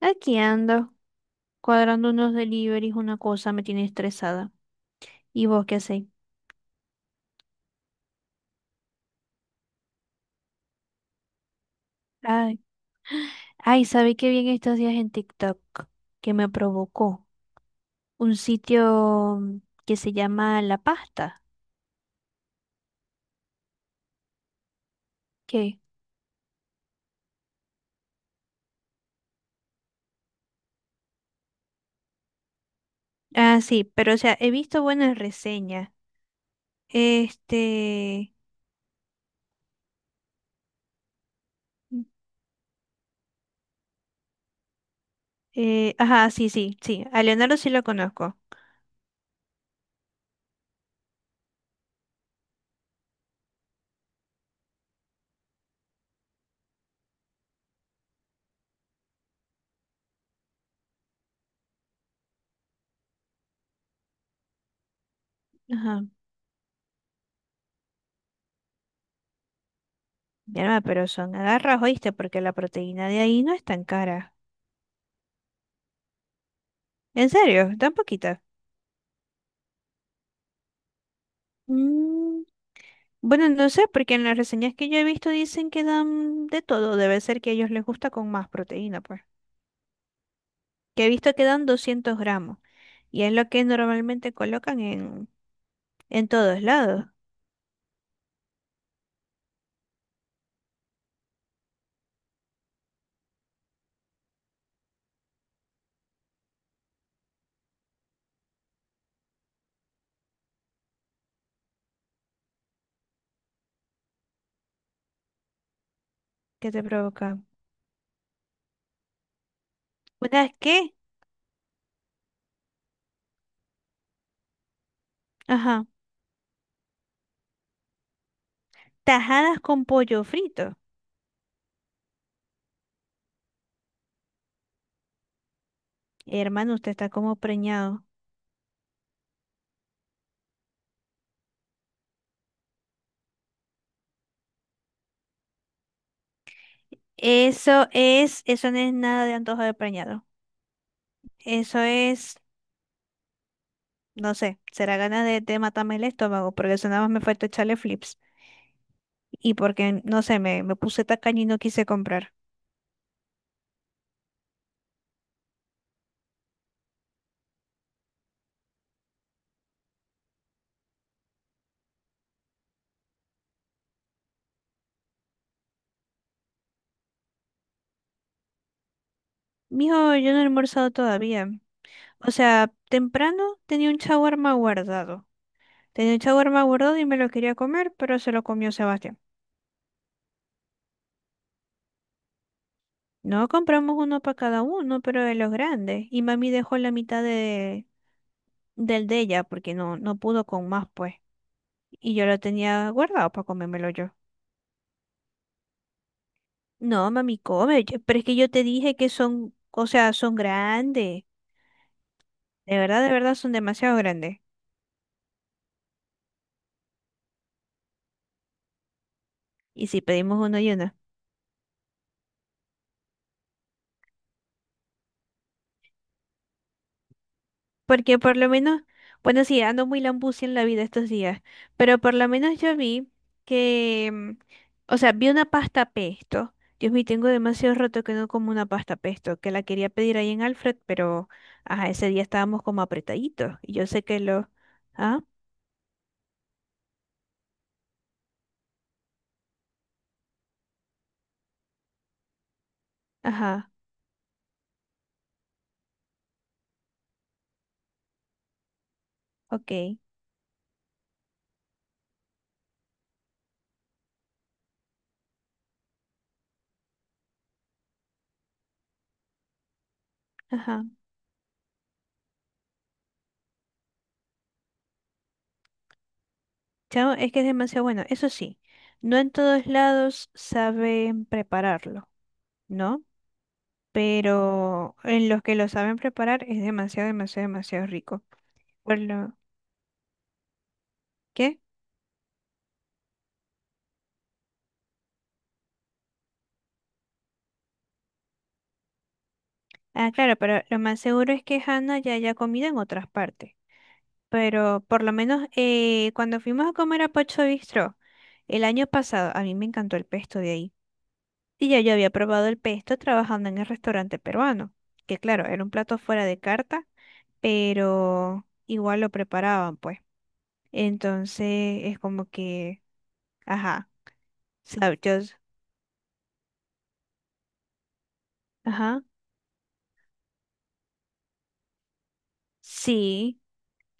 Aquí ando, cuadrando unos deliveries, una cosa me tiene estresada. ¿Y vos qué hacéis? Ay, ay, ¿sabéis qué bien estos días en TikTok? Que me provocó un sitio que se llama La Pasta. ¿Qué? Ah, sí, pero o sea, he visto buenas reseñas. Este, mm, ajá, sí, sí, sí, a Leonardo sí lo conozco. Ajá, mi alma, pero son agarras, oíste, porque la proteína de ahí no es tan cara. ¿En serio? ¿Tan poquita? Mm. Bueno, no sé, porque en las reseñas que yo he visto dicen que dan de todo. Debe ser que a ellos les gusta con más proteína, pues. Que he visto que dan 200 gramos. Y es lo que normalmente colocan en todos lados. ¿Qué te provoca? ¿Unas qué? Ajá. Tajadas con pollo frito. Hermano, usted está como preñado. Eso es, eso no es nada de antojo de preñado. Eso es, no sé, será ganas de matarme el estómago, porque eso nada más me falta echarle flips. Y porque, no sé, me puse tacaña y no quise comprar. Mijo, yo no he almorzado todavía. O sea, temprano tenía un shawarma guardado. Tenía un shawarma guardado y me lo quería comer, pero se lo comió Sebastián. No, compramos uno para cada uno, pero de los grandes. Y mami dejó la mitad de, del de ella porque no, no pudo con más, pues. Y yo lo tenía guardado para comérmelo yo. No, mami, come. Yo- Pero es que yo te dije que son, o sea, son grandes. De verdad, son demasiado grandes. ¿Y si pedimos uno y uno? Porque por lo menos, bueno, sí, ando muy lambucia en la vida estos días, pero por lo menos yo vi que, o sea, vi una pasta pesto. Dios mío, tengo demasiado rato que no como una pasta pesto, que la quería pedir ahí en Alfred, pero, ajá, ese día estábamos como apretaditos. Y yo sé que lo, ah, ajá, ok, ajá. Chao, es que es demasiado bueno. Eso sí, no en todos lados saben prepararlo, ¿no? Pero en los que lo saben preparar es demasiado, demasiado, demasiado rico. Por lo ¿qué? Ah, claro, pero lo más seguro es que Hannah ya haya comido en otras partes. Pero por lo menos cuando fuimos a comer a Pocho Bistro el año pasado, a mí me encantó el pesto de ahí. Y ya yo había probado el pesto trabajando en el restaurante peruano, que claro, era un plato fuera de carta, pero igual lo preparaban, pues. Entonces es como que, ajá, sab- yo, ajá, sí.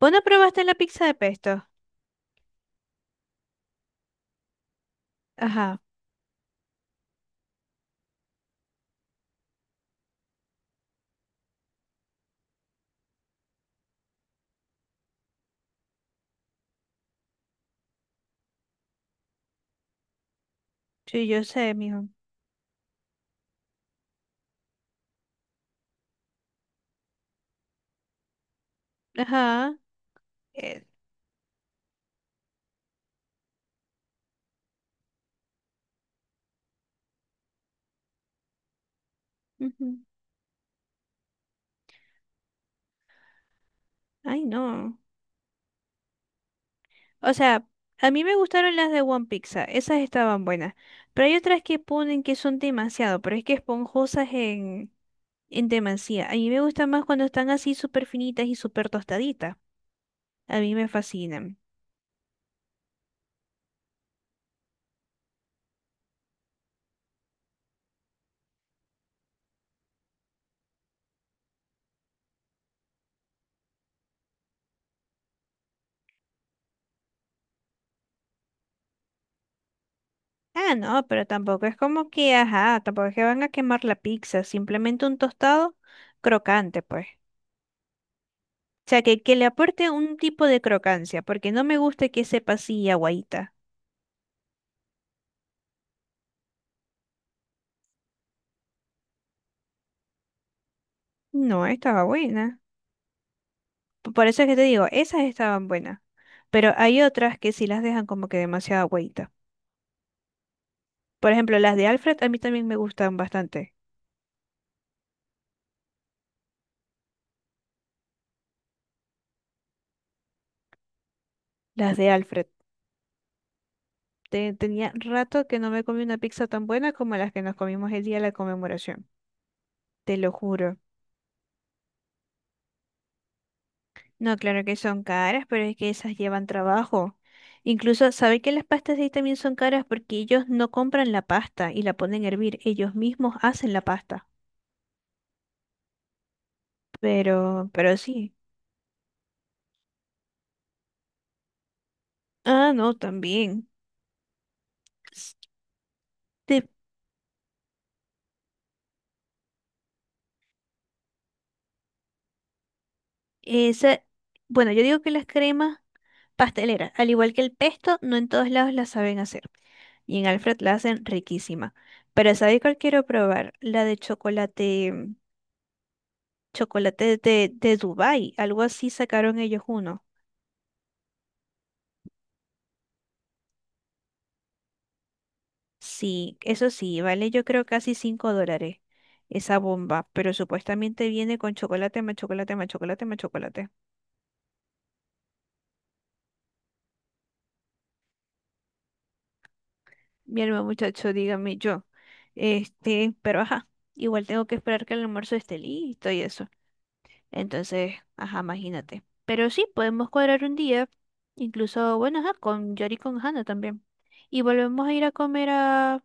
¿Vos no probaste la pizza de pesto? Ajá, sí, yo sé, mijo. Ajá. Eh, ujú. Ay, no. O sea, a mí me gustaron las de One Pizza, esas estaban buenas. Pero hay otras que ponen que son demasiado, pero es que esponjosas en demasía. A mí me gustan más cuando están así súper finitas y súper tostaditas. A mí me fascinan. Ah, no, pero tampoco es como que, ajá, tampoco es que van a quemar la pizza, simplemente un tostado crocante, pues. O sea, que le aporte un tipo de crocancia, porque no me gusta que sepa así aguadita. No, estaba buena. P- Por eso es que te digo, esas estaban buenas, pero hay otras que sí las dejan como que demasiada agüita. Por ejemplo, las de Alfred a mí también me gustan bastante. Las de Alfred. Te- tenía rato que no me comí una pizza tan buena como las que nos comimos el día de la conmemoración. Te lo juro. No, claro que son caras, pero es que esas llevan trabajo. Incluso, ¿sabe que las pastas de ahí también son caras? Porque ellos no compran la pasta y la ponen a hervir. Ellos mismos hacen la pasta. Pero sí. Ah, no, también. Esa, bueno, yo digo que las cremas pasteleras, al igual que el pesto, no en todos lados las saben hacer. Y en Alfred la hacen riquísima. Pero ¿sabes cuál quiero probar? La de chocolate, chocolate de Dubái. Algo así sacaron ellos uno. Sí, eso sí, vale yo creo casi $5 esa bomba. Pero supuestamente viene con chocolate, más chocolate, más chocolate, más chocolate. Mi hermano muchacho, dígame yo. Este, pero ajá, igual tengo que esperar que el almuerzo esté listo y eso. Entonces, ajá, imagínate. Pero sí, podemos cuadrar un día, incluso, bueno, ajá, con Yori y con Hannah también. Y volvemos a ir a comer a,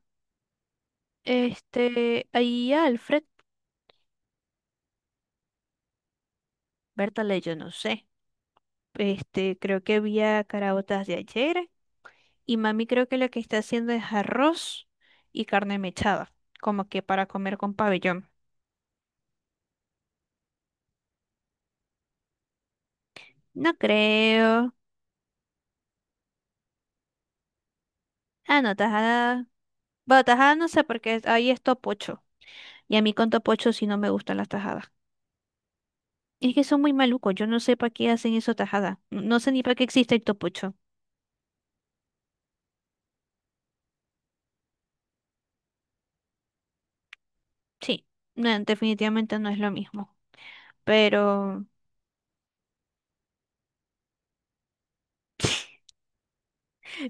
este, ahí a Alfred, Bertale, yo no sé. Este, creo que había caraotas de ayer y mami creo que lo que está haciendo es arroz y carne mechada, como que para comer con pabellón. No creo. Ah, no, tajada. Bueno, tajada no sé porque ahí es topocho. Y a mí con topocho sí no me gustan las tajadas. Es que son muy malucos, yo no sé para qué hacen eso tajada. No, no sé ni para qué existe el topucho. Sí, no, definitivamente no es lo mismo. Pero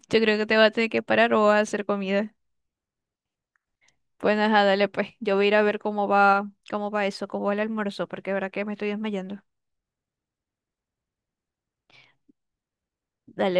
yo creo que te va a tener que parar o vas a hacer comida. Pues nada, dale pues. Yo voy a ir a ver cómo va eso, cómo va el almuerzo, porque de verdad que me estoy desmayando. Dale.